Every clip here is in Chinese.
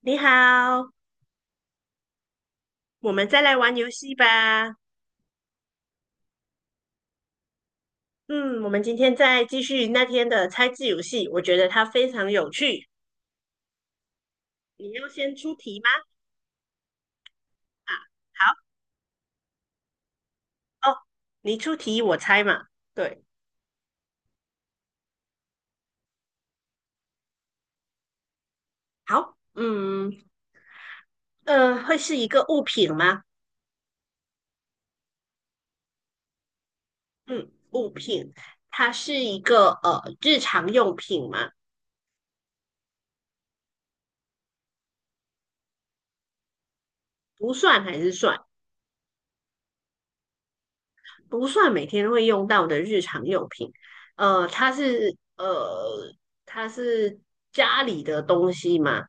你好，我们再来玩游戏吧。嗯，我们今天再继续那天的猜字游戏，我觉得它非常有趣。你要先出题吗？啊，好哦，你出题我猜嘛。对，好，会是一个物品吗？嗯，物品，它是一个日常用品吗？不算还是算？不算每天会用到的日常用品。呃，它是呃，它是家里的东西吗？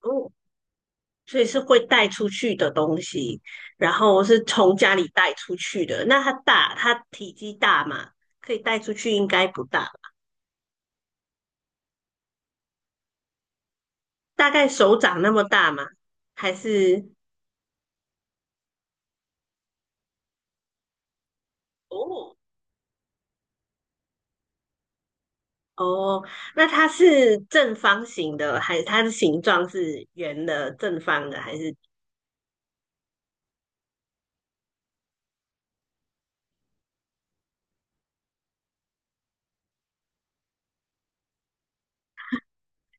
哦，所以是会带出去的东西，然后是从家里带出去的。那它大，它体积大吗？可以带出去应该不大，大概手掌那么大吗？还是哦哦，那它是正方形的，还是它的形状是圆的、正方的，还是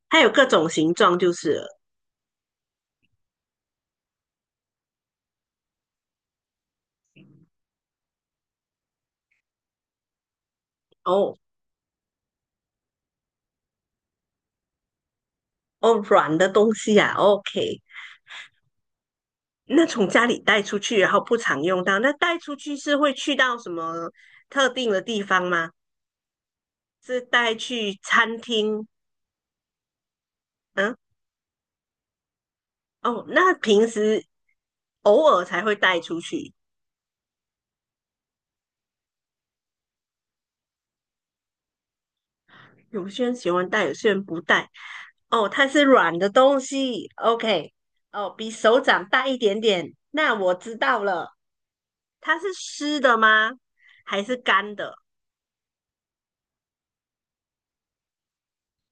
它有各种形状就是了。哦哦软的东西啊？OK,那从家里带出去，然后不常用到，那带出去是会去到什么特定的地方吗？是带去餐厅？嗯，哦，那平时偶尔才会带出去，有些人喜欢带，有些人不带。哦，它是软的东西，OK,哦，比手掌大一点点。那我知道了，它是湿的吗？还是干的？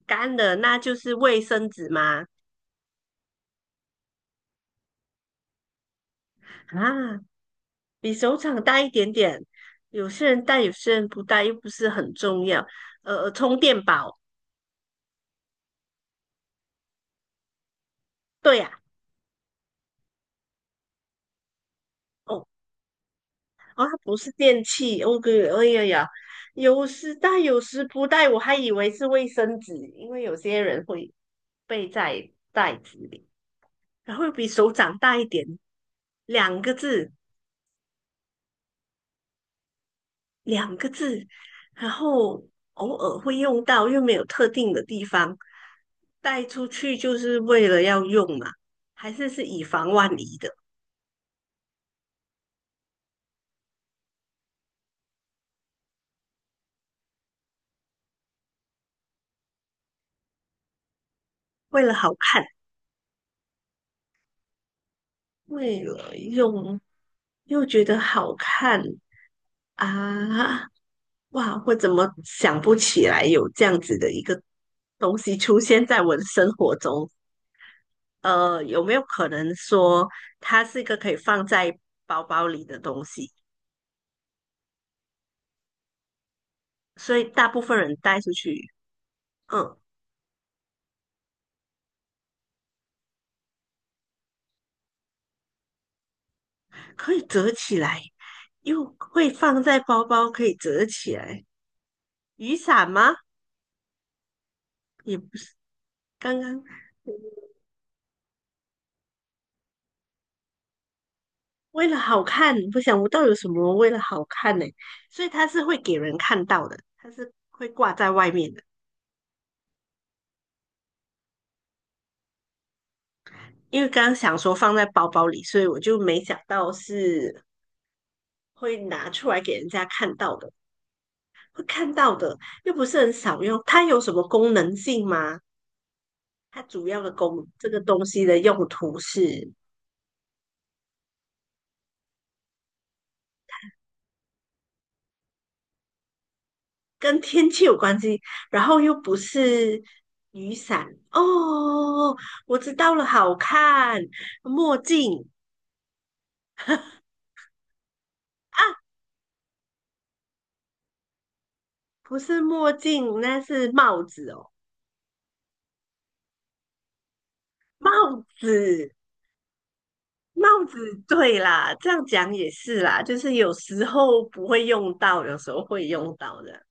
干的，那就是卫生纸吗？啊，比手掌大一点点。有些人带，有些人不带，又不是很重要。充电宝，对呀、哦，哦，它不是电器。哦，对，哎呀呀，有时带，有时不带，我还以为是卫生纸，因为有些人会背在袋子里，然后比手掌大一点，两个字，两个字，然后偶尔会用到，又没有特定的地方，带出去就是为了要用嘛，还是是以防万一的，为了好看，为了用，又觉得好看啊，哇，我怎么想不起来有这样子的一个东西出现在我的生活中？有没有可能说它是一个可以放在包包里的东西？所以大部分人带出去嗯，可以折起来，又会放在包包，可以折起来。雨伞吗？也不是，刚刚为了好看，不想不到有什么为了好看呢、所以它是会给人看到的，它是会挂在外面的。因为刚刚想说放在包包里，所以我就没想到是会拿出来给人家看到的，会看到的，又不是很少用。它有什么功能性吗？它主要的功，这个东西的用途是跟天气有关系，然后又不是雨伞哦，我知道了，好看，墨镜啊，不是墨镜，那是帽子哦，帽子，帽子，对啦，这样讲也是啦，就是有时候不会用到，有时候会用到的，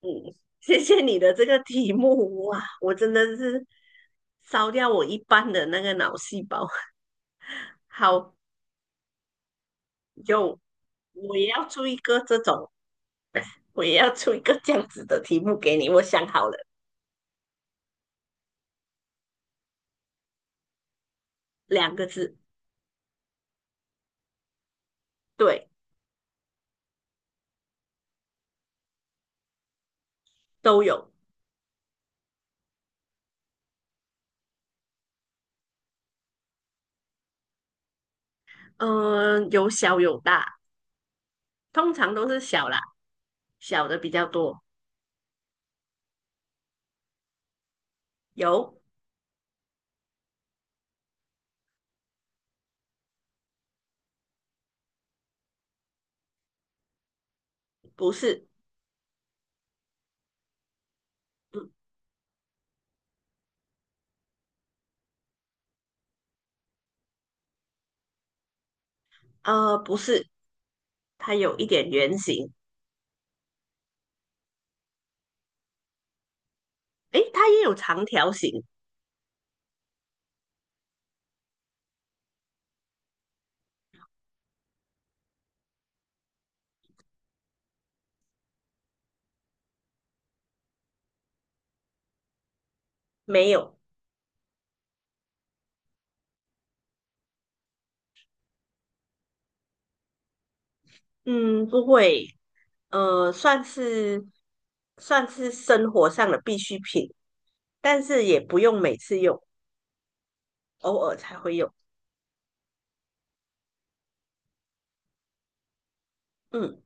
嗯，谢谢你的这个题目，哇，我真的是烧掉我一半的那个脑细胞，好，有，我也要做一个这种。我也要出一个这样子的题目给你。我想好了，两个字，对，都有。有小有大，通常都是小啦，小的比较多。有，不是，嗯，不是，它有一点圆形，诶，它也有长条形，没有，嗯，不会，呃，算是算是生活上的必需品，但是也不用每次用，偶尔才会用，嗯，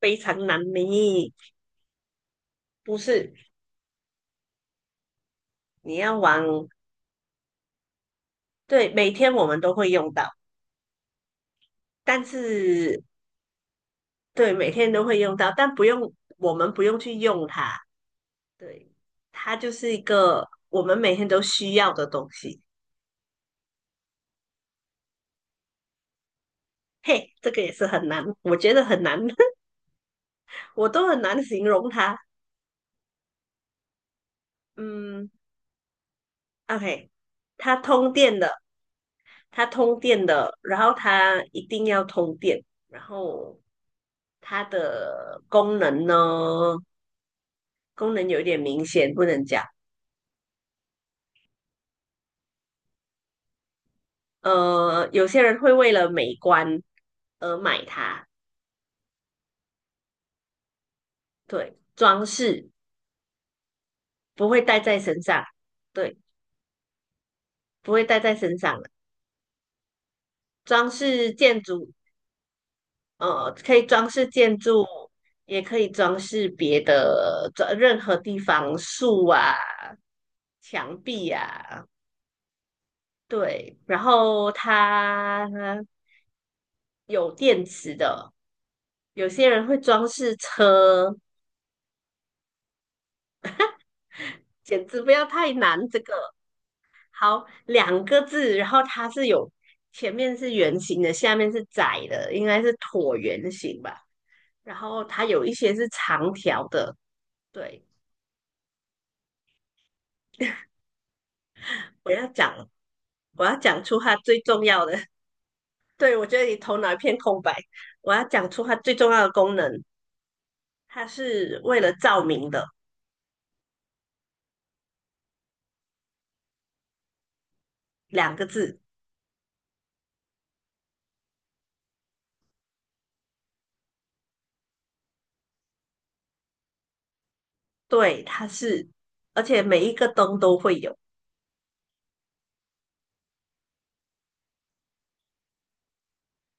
非常难迷，不是。你要玩，对，每天我们都会用到，但是对，每天都会用到，但不用，我们不用去用它，对，它就是一个我们每天都需要的东西。嘿，这个也是很难，我觉得很难，我都很难形容它。嗯，OK,它通电的，然后它一定要通电，然后它的功能呢，功能有一点明显，不能讲。有些人会为了美观而买它，对，装饰不会戴在身上，对，不会戴在身上的装饰建筑，可以装饰建筑，也可以装饰别的装任何地方，树啊、墙壁啊，对，然后它有电池的，有些人会装饰车，简直不要太难，这个好，两个字，然后它是有前面是圆形的，下面是窄的，应该是椭圆形吧。然后它有一些是长条的。对，我要讲，我要讲出它最重要的。对，我觉得你头脑一片空白。我要讲出它最重要的功能，它是为了照明的，两个字。对，它是，而且每一个灯都会有。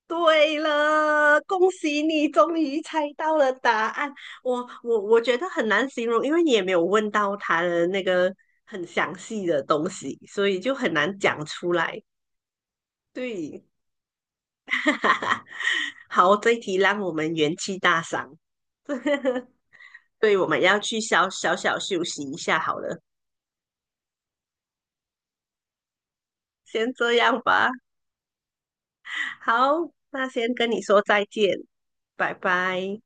对了，恭喜你终于猜到了答案。我觉得很难形容，因为你也没有问到他的那个很详细的东西，所以就很难讲出来。对，好，这一题让我们元气大伤。对，我们要去小休息一下好了，先这样吧。好，那先跟你说再见，拜拜。